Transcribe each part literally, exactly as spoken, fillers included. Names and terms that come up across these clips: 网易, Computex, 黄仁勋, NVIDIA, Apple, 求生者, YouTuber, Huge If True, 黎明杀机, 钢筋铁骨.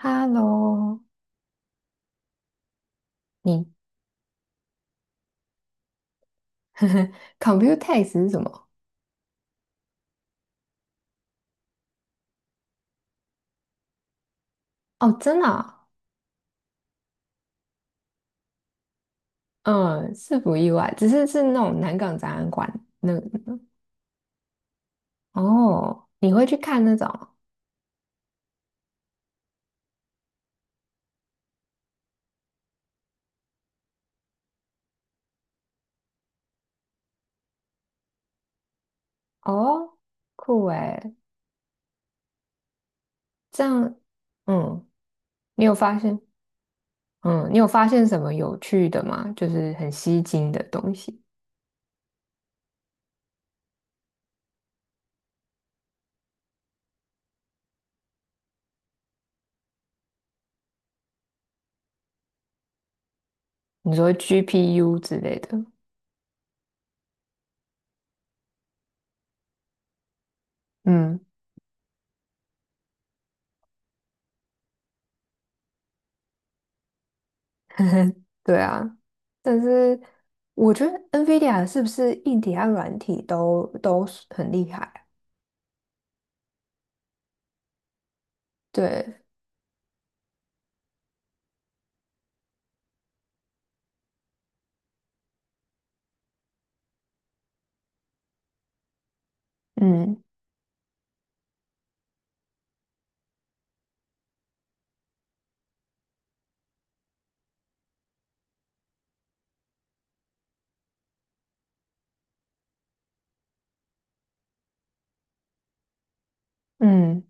Hello，你 Computex r t e 是什么？哦，真的啊。嗯，是不意外，只是是那种南港展览馆。那哦，你会去看那种？哦，酷诶，这样。嗯，你有发现，嗯，你有发现什么有趣的吗？就是很吸睛的东西，你说 G P U 之类的？嗯，对啊，但是我觉得 NVIDIA 是不是硬体和软体都都是很厉害啊？对，嗯嗯，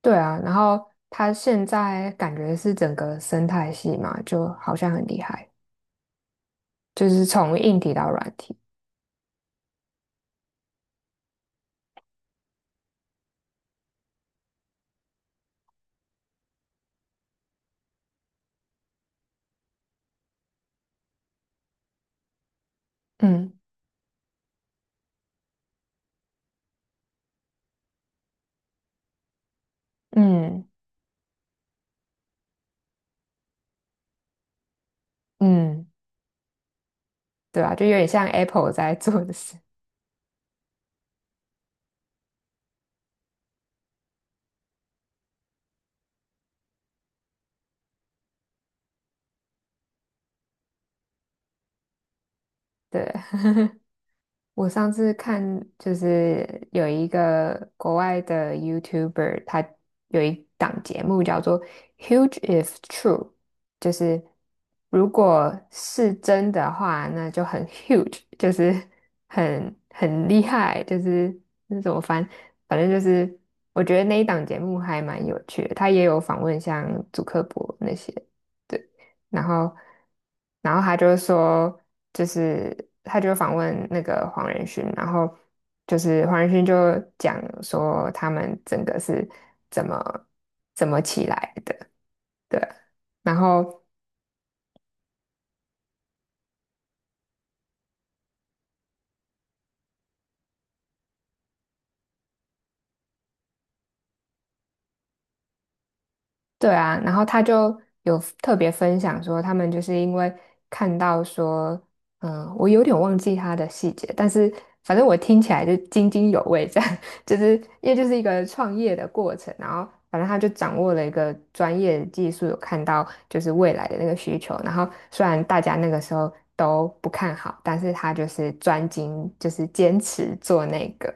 对啊，然后它现在感觉是整个生态系嘛，就好像很厉害，就是从硬体到软体，嗯嗯嗯，对啊，就有点像 Apple 在做的事，对。我上次看就是有一个国外的 YouTuber，他有一档节目叫做《Huge If True》，就是如果是真的话，那就很 huge，就是很很厉害，就是那怎么翻，反正就是我觉得那一档节目还蛮有趣的，他也有访问像祖克伯那些。对。然后，然后他就说，就是他就访问那个黄仁勋，然后就是黄仁勋就讲说他们整个是怎么怎么起来的，对，然后。对啊，然后他就有特别分享说，他们就是因为看到说，嗯，我有点忘记他的细节，但是反正我听起来就津津有味，这样 就是因为就是一个创业的过程，然后反正他就掌握了一个专业技术，有看到就是未来的那个需求，然后虽然大家那个时候都不看好，但是他就是专精，就是坚持做那个。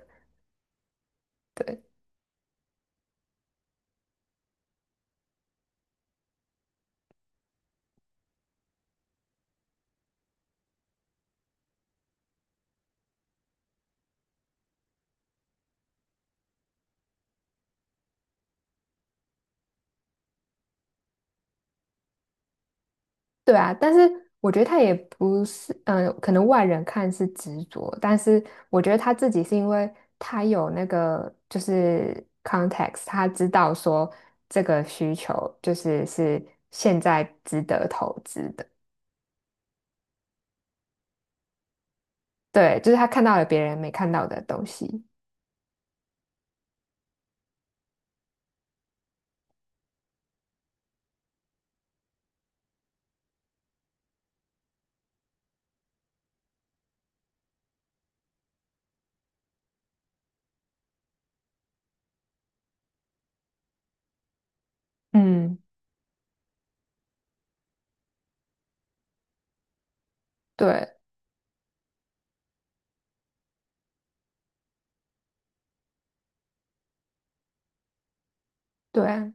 对啊，但是我觉得他也不是，嗯、可能外人看是执着，但是我觉得他自己是因为他有那个就是 context，他知道说这个需求就是是现在值得投资的，对，就是他看到了别人没看到的东西，嗯，对，对啊，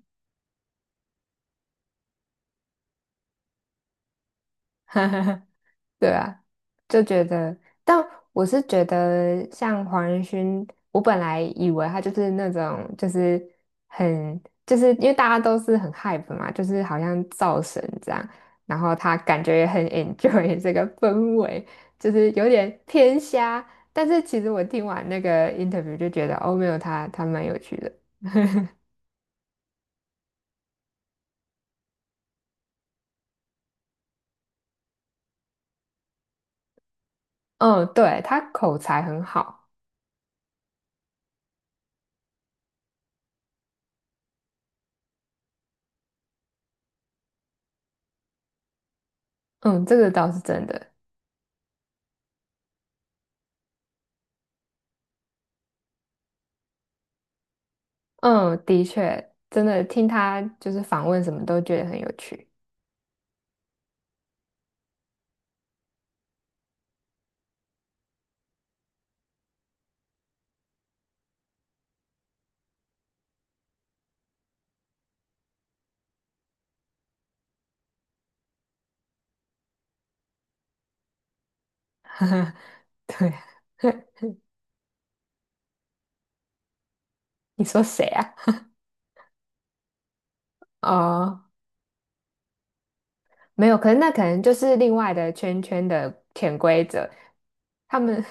对啊，就觉得，但我是觉得像黄仁勋，我本来以为他就是那种，就是很，就是因为大家都是很 hype 嘛，就是好像造神这样，然后他感觉也很 enjoy 这个氛围，就是有点偏瞎。但是其实我听完那个 interview 就觉得，哦，没有他，他蛮有趣的。嗯，对，他口才很好，嗯，这个倒是真的。嗯，的确，真的听他就是访问什么都觉得很有趣。对啊，你说谁啊？哦，没有，可是那可能就是另外的圈圈的潜规则，他们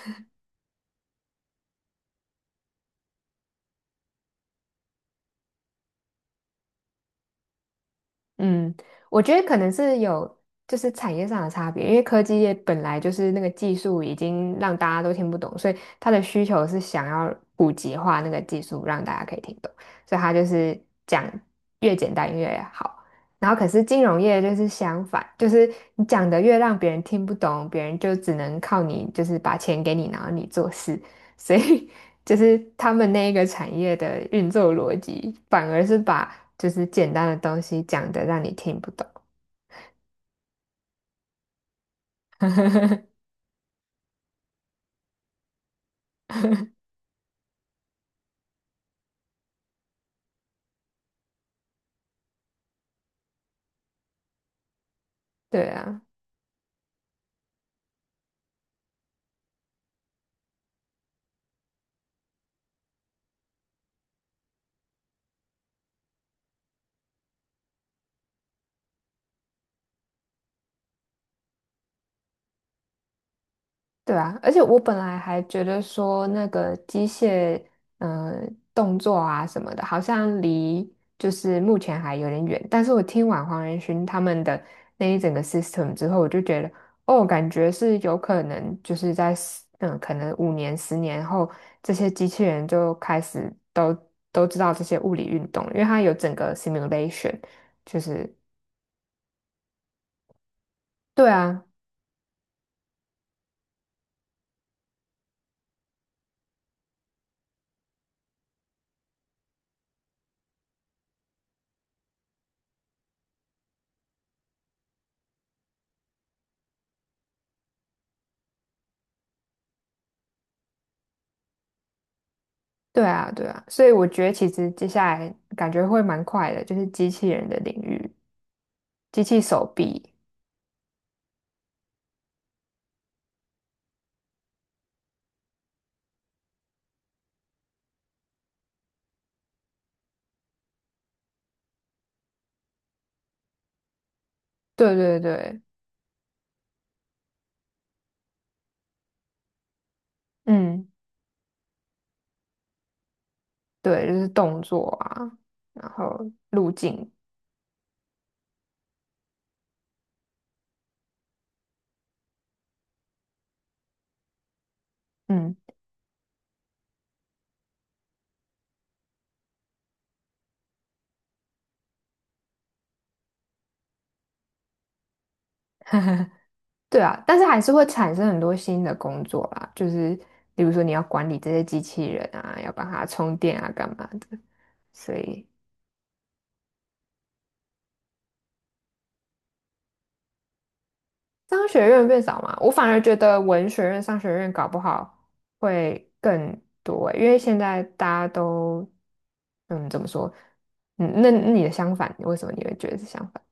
嗯，我觉得可能是有就是产业上的差别，因为科技业本来就是那个技术已经让大家都听不懂，所以它的需求是想要普及化那个技术，让大家可以听懂，所以它就是讲越简单越好。然后可是金融业就是相反，就是你讲的越让别人听不懂，别人就只能靠你，就是把钱给你，然后你做事，所以 就是他们那一个产业的运作逻辑，反而是把就是简单的东西讲的让你听不懂。对啊，对啊，而且我本来还觉得说那个机械，呃，动作啊什么的，好像离就是目前还有点远。但是我听完黄仁勋他们的那一整个 system 之后，我就觉得，哦，感觉是有可能就是在十嗯，可能五年、十年后，这些机器人就开始都都知道这些物理运动，因为它有整个 simulation，就是对啊，对啊，对啊，所以我觉得其实接下来感觉会蛮快的，就是机器人的领域，机器手臂，对对对，嗯，对，就是动作啊，然后路径，嗯，对啊，但是还是会产生很多新的工作啦，就是比如说你要管理这些机器人啊，要帮它充电啊，干嘛的，所以商学院变少嘛，我反而觉得文学院、商学院搞不好会更多欸因为现在大家都，嗯，怎么说？嗯，那那你的相反，为什么你会觉得是相反？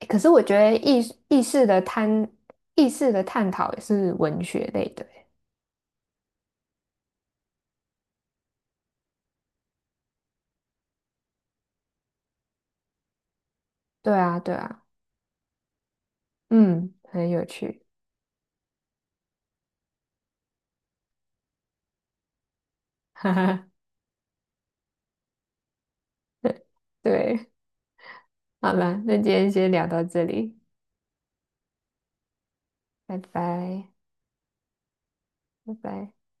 欸可是我觉得意识意识的探意识的探讨也是文学类的欸，对啊，对啊，嗯，很有趣，哈哈，对，好了，那今天先聊到这里，拜拜，拜拜。